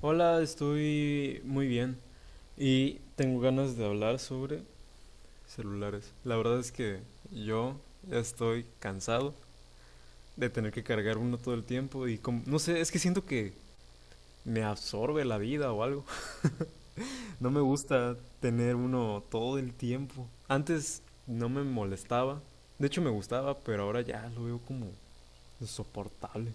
Hola, estoy muy bien y tengo ganas de hablar sobre celulares. La verdad es que yo ya estoy cansado de tener que cargar uno todo el tiempo y no sé, es que siento que me absorbe la vida o algo. No me gusta tener uno todo el tiempo. Antes no me molestaba, de hecho me gustaba, pero ahora ya lo veo como insoportable.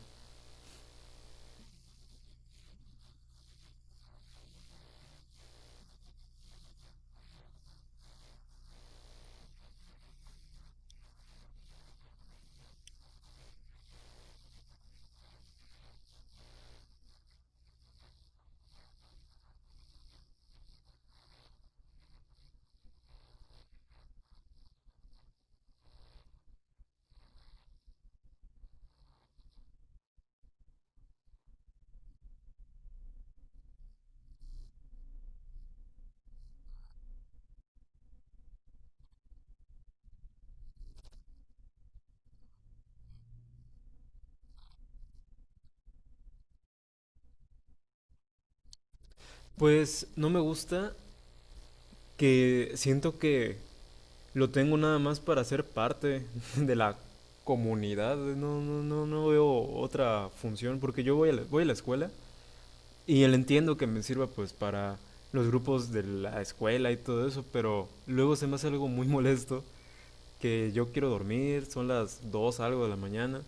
Pues no me gusta que siento que lo tengo nada más para ser parte de la comunidad. No, no, no, no veo otra función porque yo voy a la escuela y el entiendo que me sirva pues para los grupos de la escuela y todo eso, pero luego se me hace algo muy molesto que yo quiero dormir, son las 2 algo de la mañana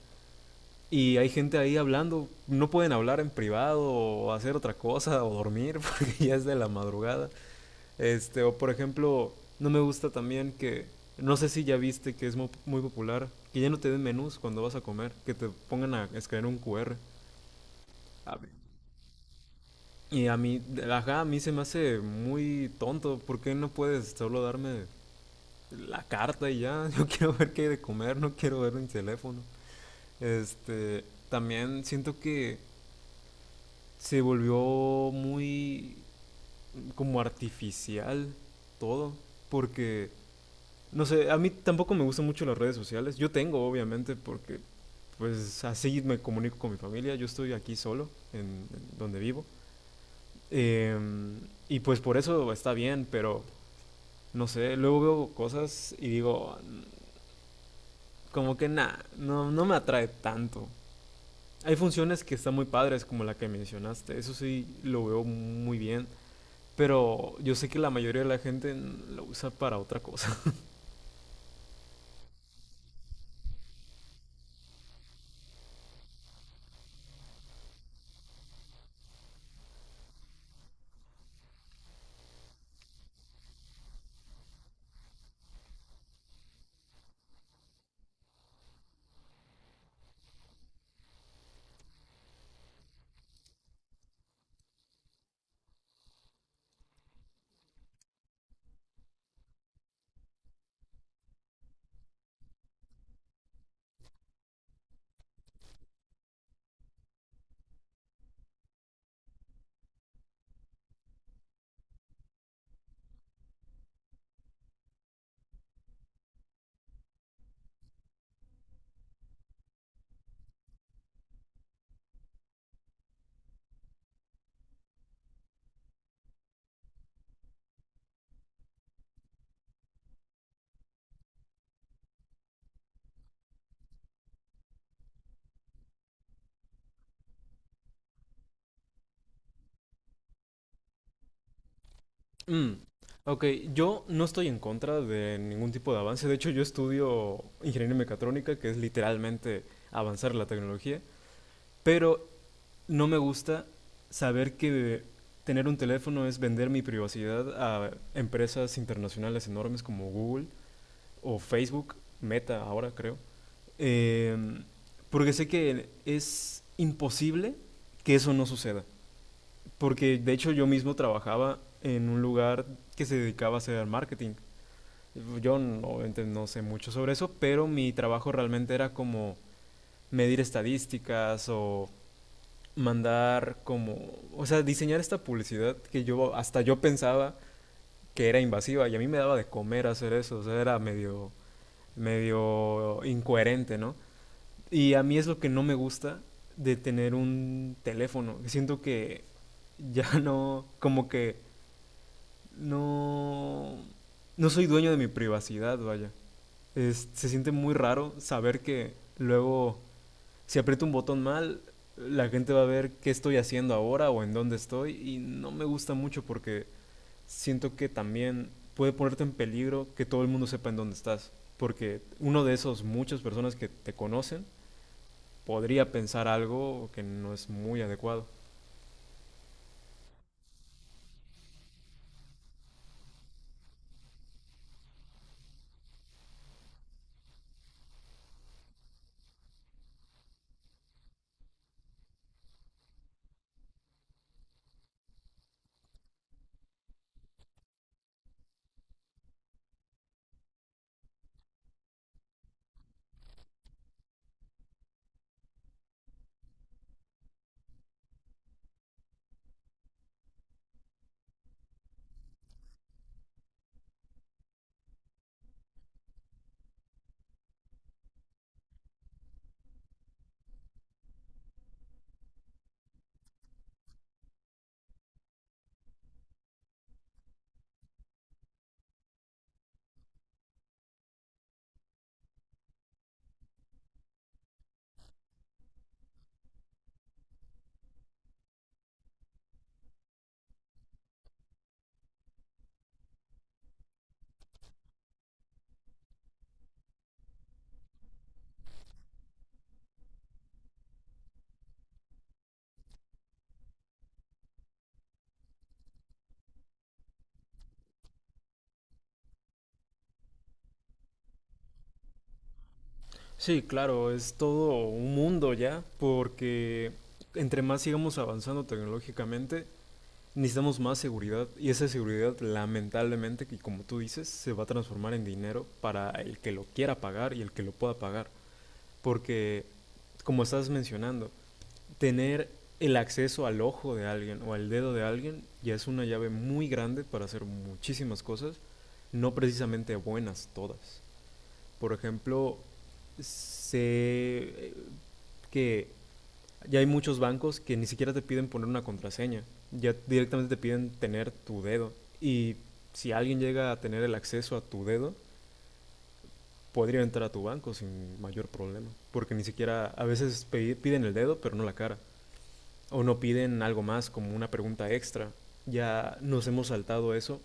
y hay gente ahí hablando, no pueden hablar en privado o hacer otra cosa o dormir porque ya es de la madrugada. Este, o por ejemplo, no me gusta también que, no sé si ya viste que es muy popular, que ya no te den menús cuando vas a comer, que te pongan a escanear un QR. A ver. Y a mí, ajá, a mí se me hace muy tonto, ¿por qué no puedes solo darme la carta y ya? Yo quiero ver qué hay de comer, no quiero ver mi teléfono. Este, también siento que se volvió muy como artificial todo, porque no sé, a mí tampoco me gustan mucho las redes sociales. Yo tengo, obviamente, porque pues así me comunico con mi familia. Yo estoy aquí solo, en donde vivo. Eh, y pues por eso está bien, pero no sé, luego veo cosas y digo, como que nada, no, no me atrae tanto. Hay funciones que están muy padres, como la que mencionaste, eso sí lo veo muy bien, pero yo sé que la mayoría de la gente lo usa para otra cosa. Mm, Ok, yo no estoy en contra de ningún tipo de avance. De hecho, yo estudio ingeniería mecatrónica, que es literalmente avanzar la tecnología. Pero no me gusta saber que tener un teléfono es vender mi privacidad a empresas internacionales enormes como Google o Facebook, Meta ahora creo. Em, porque sé que es imposible que eso no suceda. Porque de hecho yo mismo trabajaba en un lugar que se dedicaba a hacer marketing. Yo no, obviamente no sé mucho sobre eso, pero mi trabajo realmente era como medir estadísticas o mandar como, o sea, diseñar esta publicidad que yo hasta yo pensaba que era invasiva y a mí me daba de comer hacer eso, o sea, era medio incoherente, ¿no? Y a mí es lo que no me gusta de tener un teléfono. Siento que ya no como que no, no soy dueño de mi privacidad, vaya. Se siente muy raro saber que luego, si aprieto un botón mal, la gente va a ver qué estoy haciendo ahora o en dónde estoy. Y no me gusta mucho porque siento que también puede ponerte en peligro que todo el mundo sepa en dónde estás. Porque uno de esos muchas personas que te conocen podría pensar algo que no es muy adecuado. Sí, claro, es todo un mundo ya, porque entre más sigamos avanzando tecnológicamente, necesitamos más seguridad y esa seguridad lamentablemente, que como tú dices, se va a transformar en dinero para el que lo quiera pagar y el que lo pueda pagar. Porque, como estás mencionando, tener el acceso al ojo de alguien o al dedo de alguien ya es una llave muy grande para hacer muchísimas cosas, no precisamente buenas todas. Por ejemplo, sé que ya hay muchos bancos que ni siquiera te piden poner una contraseña, ya directamente te piden tener tu dedo. Y si alguien llega a tener el acceso a tu dedo, podría entrar a tu banco sin mayor problema, porque ni siquiera a veces piden el dedo, pero no la cara, o no piden algo más como una pregunta extra. Ya nos hemos saltado eso,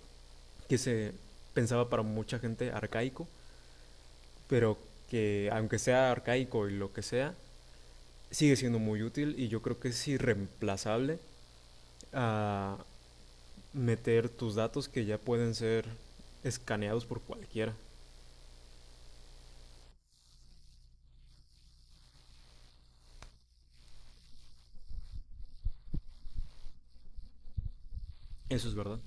que se pensaba para mucha gente arcaico, pero que aunque sea arcaico y lo que sea, sigue siendo muy útil y yo creo que es irreemplazable a meter tus datos que ya pueden ser escaneados por cualquiera. Eso es verdad.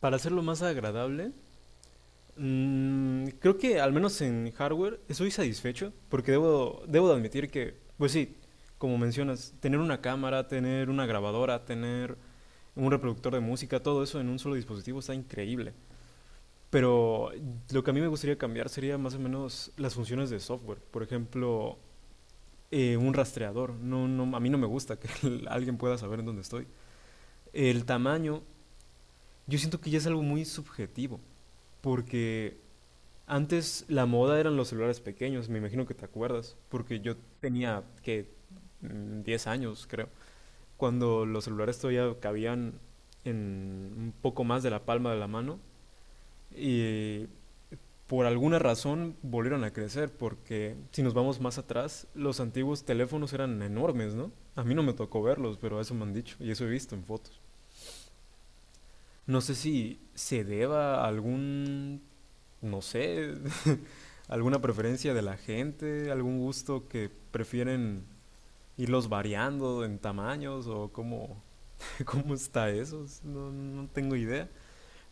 Para hacerlo más agradable, mmm, creo que al menos en hardware estoy satisfecho porque debo de admitir que, pues sí, como mencionas, tener una cámara, tener una grabadora, tener un reproductor de música, todo eso en un solo dispositivo está increíble. Pero lo que a mí me gustaría cambiar sería más o menos las funciones de software. Por ejemplo, un rastreador. No, no, a mí no me gusta que alguien pueda saber en dónde estoy. El tamaño, yo siento que ya es algo muy subjetivo, porque antes la moda eran los celulares pequeños, me imagino que te acuerdas, porque yo tenía que 10 años, creo, cuando los celulares todavía cabían en un poco más de la palma de la mano y por alguna razón volvieron a crecer, porque si nos vamos más atrás, los antiguos teléfonos eran enormes, ¿no? A mí no me tocó verlos, pero eso me han dicho y eso he visto en fotos. No sé si se deba a algún, no sé, alguna preferencia de la gente, algún gusto que prefieren irlos variando en tamaños o cómo, cómo está eso. No, no tengo idea.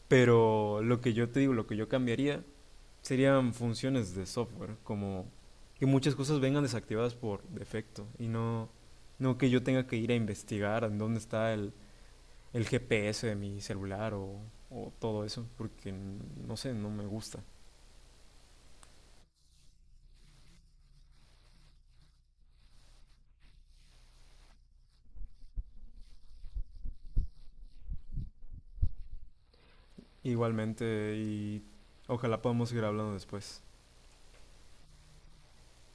Pero lo que yo te digo, lo que yo cambiaría serían funciones de software, como que muchas cosas vengan desactivadas por defecto y no, no que yo tenga que ir a investigar en dónde está el GPS de mi celular o todo eso, porque no sé, no me gusta. Igualmente, y ojalá podamos seguir hablando después.